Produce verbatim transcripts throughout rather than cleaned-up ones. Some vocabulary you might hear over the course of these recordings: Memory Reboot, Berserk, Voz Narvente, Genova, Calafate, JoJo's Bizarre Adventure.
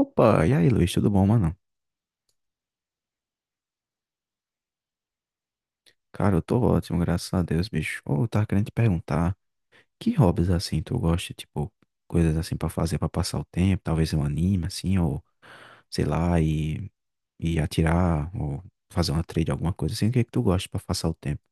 Opa, e aí, Luiz, tudo bom, mano? Cara, eu tô ótimo, graças a Deus, bicho. Ô, eu tava querendo te perguntar, que hobbies assim tu gosta, tipo, coisas assim pra fazer pra passar o tempo, talvez um anime assim, ou sei lá, e, e atirar, ou fazer uma trade, alguma coisa assim, o que é que tu gosta pra passar o tempo?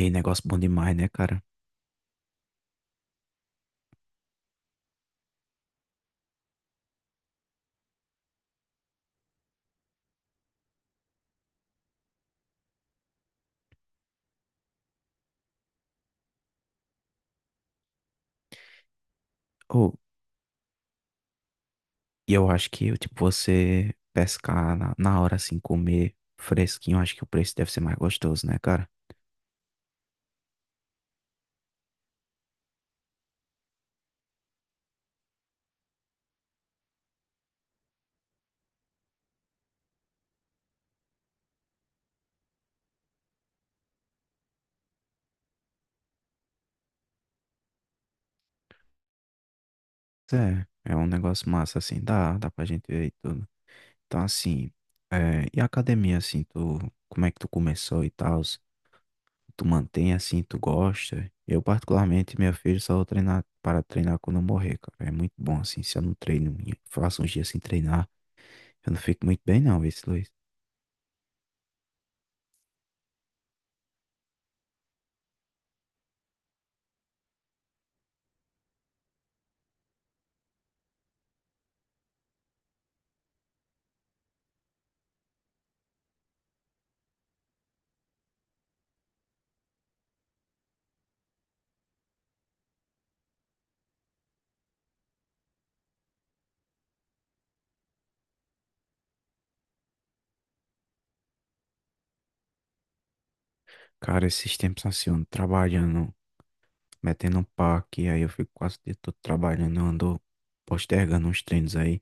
E negócio bom demais, né, cara? Ou, e eu acho que, tipo, você pescar na, na hora assim, comer fresquinho, acho que o preço deve ser mais gostoso, né, cara? É, é um negócio massa assim, dá, dá pra gente ver e tudo. Então, assim, é, e a academia, assim, tu, como é que tu começou e tal? Tu mantém assim, tu gosta? Eu, particularmente, meu filho, só vou treinar para treinar quando eu morrer, cara. É muito bom, assim, se eu não treino, eu faço uns dias sem treinar, eu não fico muito bem, não, esse Luiz. Cara, esses tempos assim, eu ando trabalhando, metendo um paque, aí eu fico quase o dia todo trabalhando, eu ando postergando uns treinos aí.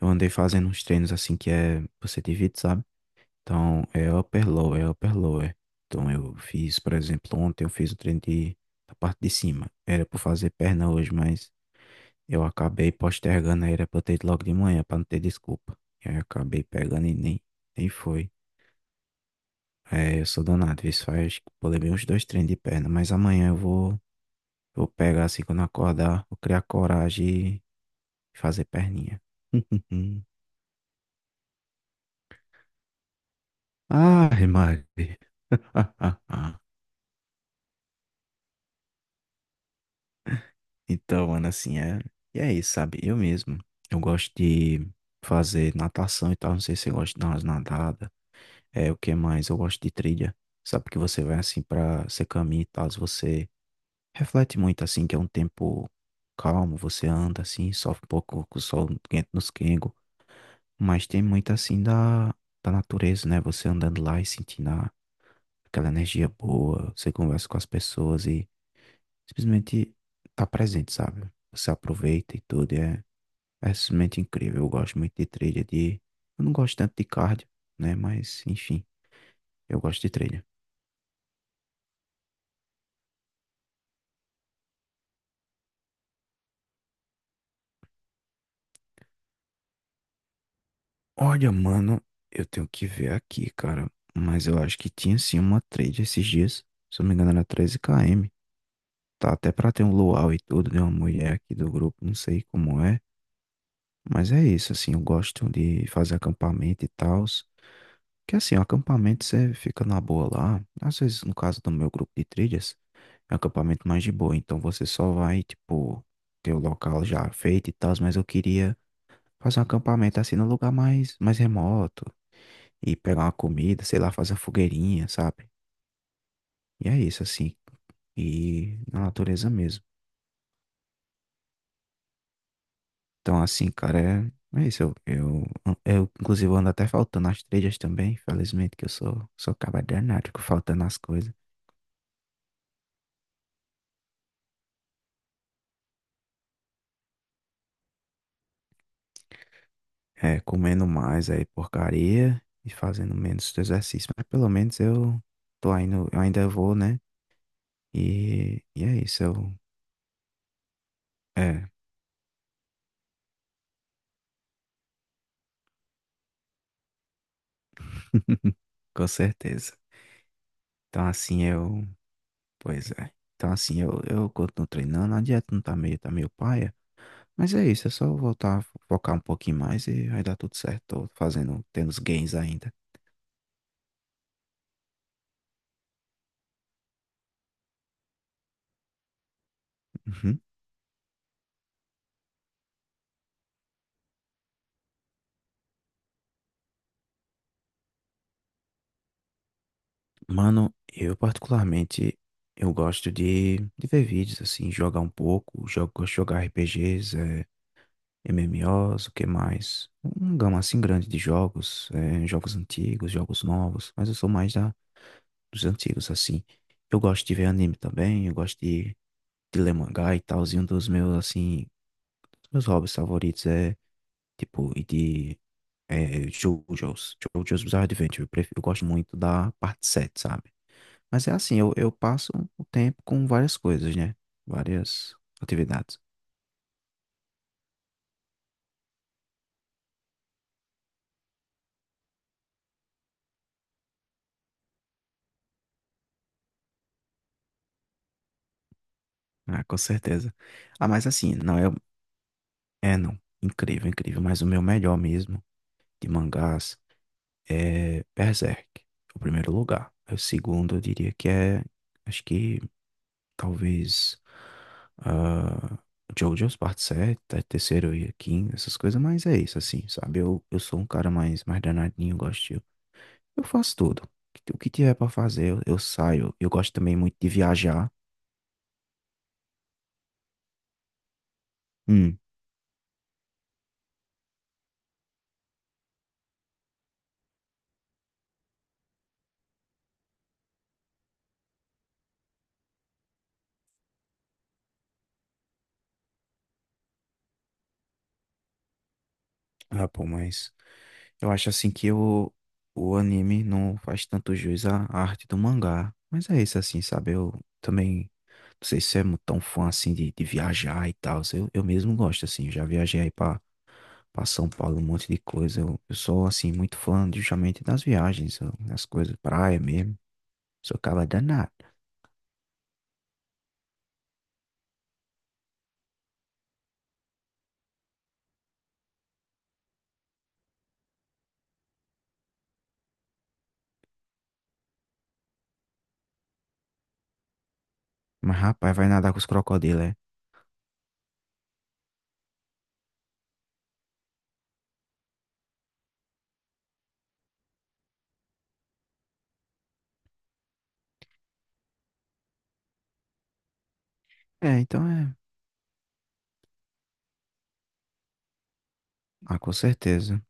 Eu andei fazendo uns treinos assim que é, você divide, sabe? Então, é upper lower, é upper lower. Então, eu fiz, por exemplo, ontem eu fiz o treino de, da parte de cima. Era para fazer perna hoje, mas eu acabei postergando, aí era para eu ter ido logo de manhã, para não ter desculpa. E aí eu acabei pegando e nem, nem foi. É, eu sou danado, isso faz, eu levei uns dois treinos de perna, mas amanhã eu vou, eu vou pegar assim quando eu acordar, vou criar coragem e fazer perninha. Ah, Mari. Então, mano, assim, é. E é isso, sabe? Eu mesmo. Eu gosto de fazer natação e tal. Não sei se você gosta de dar umas nadadas. É, o que mais? Eu gosto de trilha. Sabe que você vai assim pra. Você caminha e tal. Você reflete muito, assim, que é um tempo calmo. Você anda assim, sofre um pouco com o sol quente nos quengos. Mas tem muito assim da, da natureza, né? Você andando lá e sentindo a- aquela energia boa. Você conversa com as pessoas e simplesmente tá presente, sabe? Você aproveita e tudo. É simplesmente incrível. Eu gosto muito de trilha de. Eu não gosto tanto de cardio, né? Mas, enfim, eu gosto de trilha. Olha, mano, eu tenho que ver aqui, cara. Mas eu acho que tinha sim uma trilha esses dias. Se eu não me engano, era treze quilômetros. Tá até pra ter um luau e tudo de uma mulher aqui do grupo, não sei como é. Mas é isso, assim, eu gosto de fazer acampamento e tal. Que assim, o acampamento você fica na boa lá. Às vezes, no caso do meu grupo de trilhas, é um acampamento mais de boa. Então você só vai, tipo, ter o local já feito e tal, mas eu queria fazer um acampamento assim num lugar mais, mais remoto. E pegar uma comida, sei lá, fazer uma fogueirinha, sabe? E é isso, assim. E na natureza mesmo. Então, assim, cara, é, é isso. Eu, eu, eu, inclusive, ando até faltando as trilhas também, infelizmente, que eu sou, sou cabra danado, fico faltando as coisas. É, comendo mais aí porcaria e fazendo menos exercício. Mas pelo menos eu tô indo, eu ainda vou, né? E, e é isso, eu. É, com certeza. Então assim eu. Pois é. Então assim eu, eu continuo treinando, a dieta não tá meio, tá meio paia. Mas é isso, é só voltar a fo- focar um pouquinho mais e vai dar tudo certo. Tô fazendo, tendo os gains ainda. Uhum. Mano, eu particularmente. Eu gosto de, de ver vídeos, assim, jogar um pouco, jogo, gosto de jogar R P Gs, M M Os, o que mais? Uma gama assim grande de jogos, eh, jogos antigos, jogos novos, mas eu sou mais da, dos antigos, assim. Eu gosto de ver anime também, eu gosto de, de ler mangá e tal, e um dos meus, assim, meus hobbies favoritos é, tipo, e de eh, JoJo's, JoJo's Bizarre Adventure, eu, prefiro, eu gosto muito da parte sete, sabe? Mas é assim, eu, eu passo o tempo com várias coisas, né? Várias atividades. Ah, com certeza. Ah, mas assim, não é, é, não. Incrível, incrível. Mas o meu melhor mesmo de mangás é Berserk, o primeiro lugar. O segundo, eu diria que é, acho que talvez ah, JoJo's Part sete, tá? Terceiro e quinto, essas coisas. Mas é isso, assim, sabe? Eu, eu sou um cara mais, mais danadinho, eu gosto. De- Eu faço tudo. O que tiver pra fazer, eu, eu saio. Eu gosto também muito de viajar. Hum. Ah, pô, mas eu acho assim que o, o anime não faz tanto jus à à arte do mangá. Mas é isso assim, sabe? Eu também não sei se é mu- tão fã assim de, de viajar e tal. Eu, eu mesmo gosto, assim, eu já viajei aí pra, pra São Paulo, um monte de coisa. Eu, eu sou assim, muito fã justamente das viagens, eu- das coisas, praia mesmo. Sou cara danado. Mas rapaz, vai nadar com os crocodilos, é? É, então é. Ah, com certeza.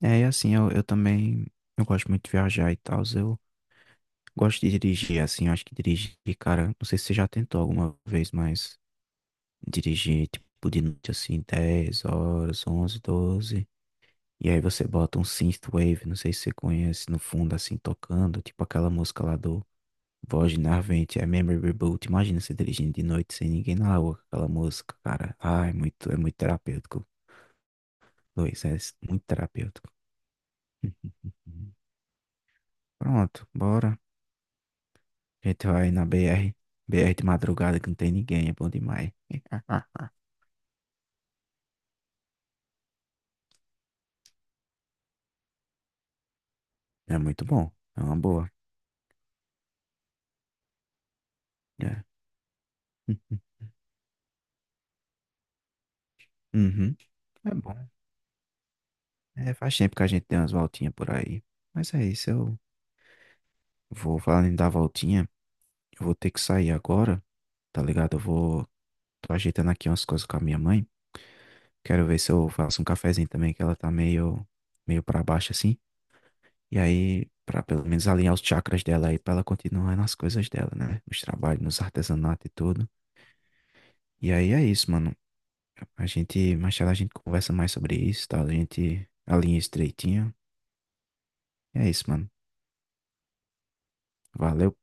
É, e assim, eu, eu também. Eu gosto muito de viajar e tal. Gosto de dirigir, assim, eu acho que dirigir, cara, não sei se você já tentou alguma vez, mas dirigir, tipo, de noite, assim, dez horas, onze, doze e aí você bota um synthwave, não sei se você conhece, no fundo, assim, tocando, tipo aquela música lá do Voz Narvente, é Memory Reboot, imagina você dirigindo de noite sem ninguém na rua, com aquela música, cara, ai, é muito, é muito terapêutico, Luiz, é muito terapêutico. Uhum. Pronto, bora, a gente vai na B R, B R de madrugada que não tem ninguém, é bom demais. É muito bom. É uma boa. É. Uhum. É bom. É, faz tempo que a gente tem umas voltinhas por aí. Mas é isso, eu vou falando em dar voltinha. Eu vou ter que sair agora, tá ligado? Eu vou. Tô ajeitando aqui umas coisas com a minha mãe. Quero ver se eu faço um cafezinho também, que ela tá meio, meio pra baixo assim. E aí, pra pelo menos alinhar os chakras dela aí, pra ela continuar nas coisas dela, né? Nos trabalhos, nos artesanatos e tudo. E aí é isso, mano. A gente, mais tarde a gente conversa mais sobre isso, tá? A gente alinha estreitinho. É isso, mano. Valeu.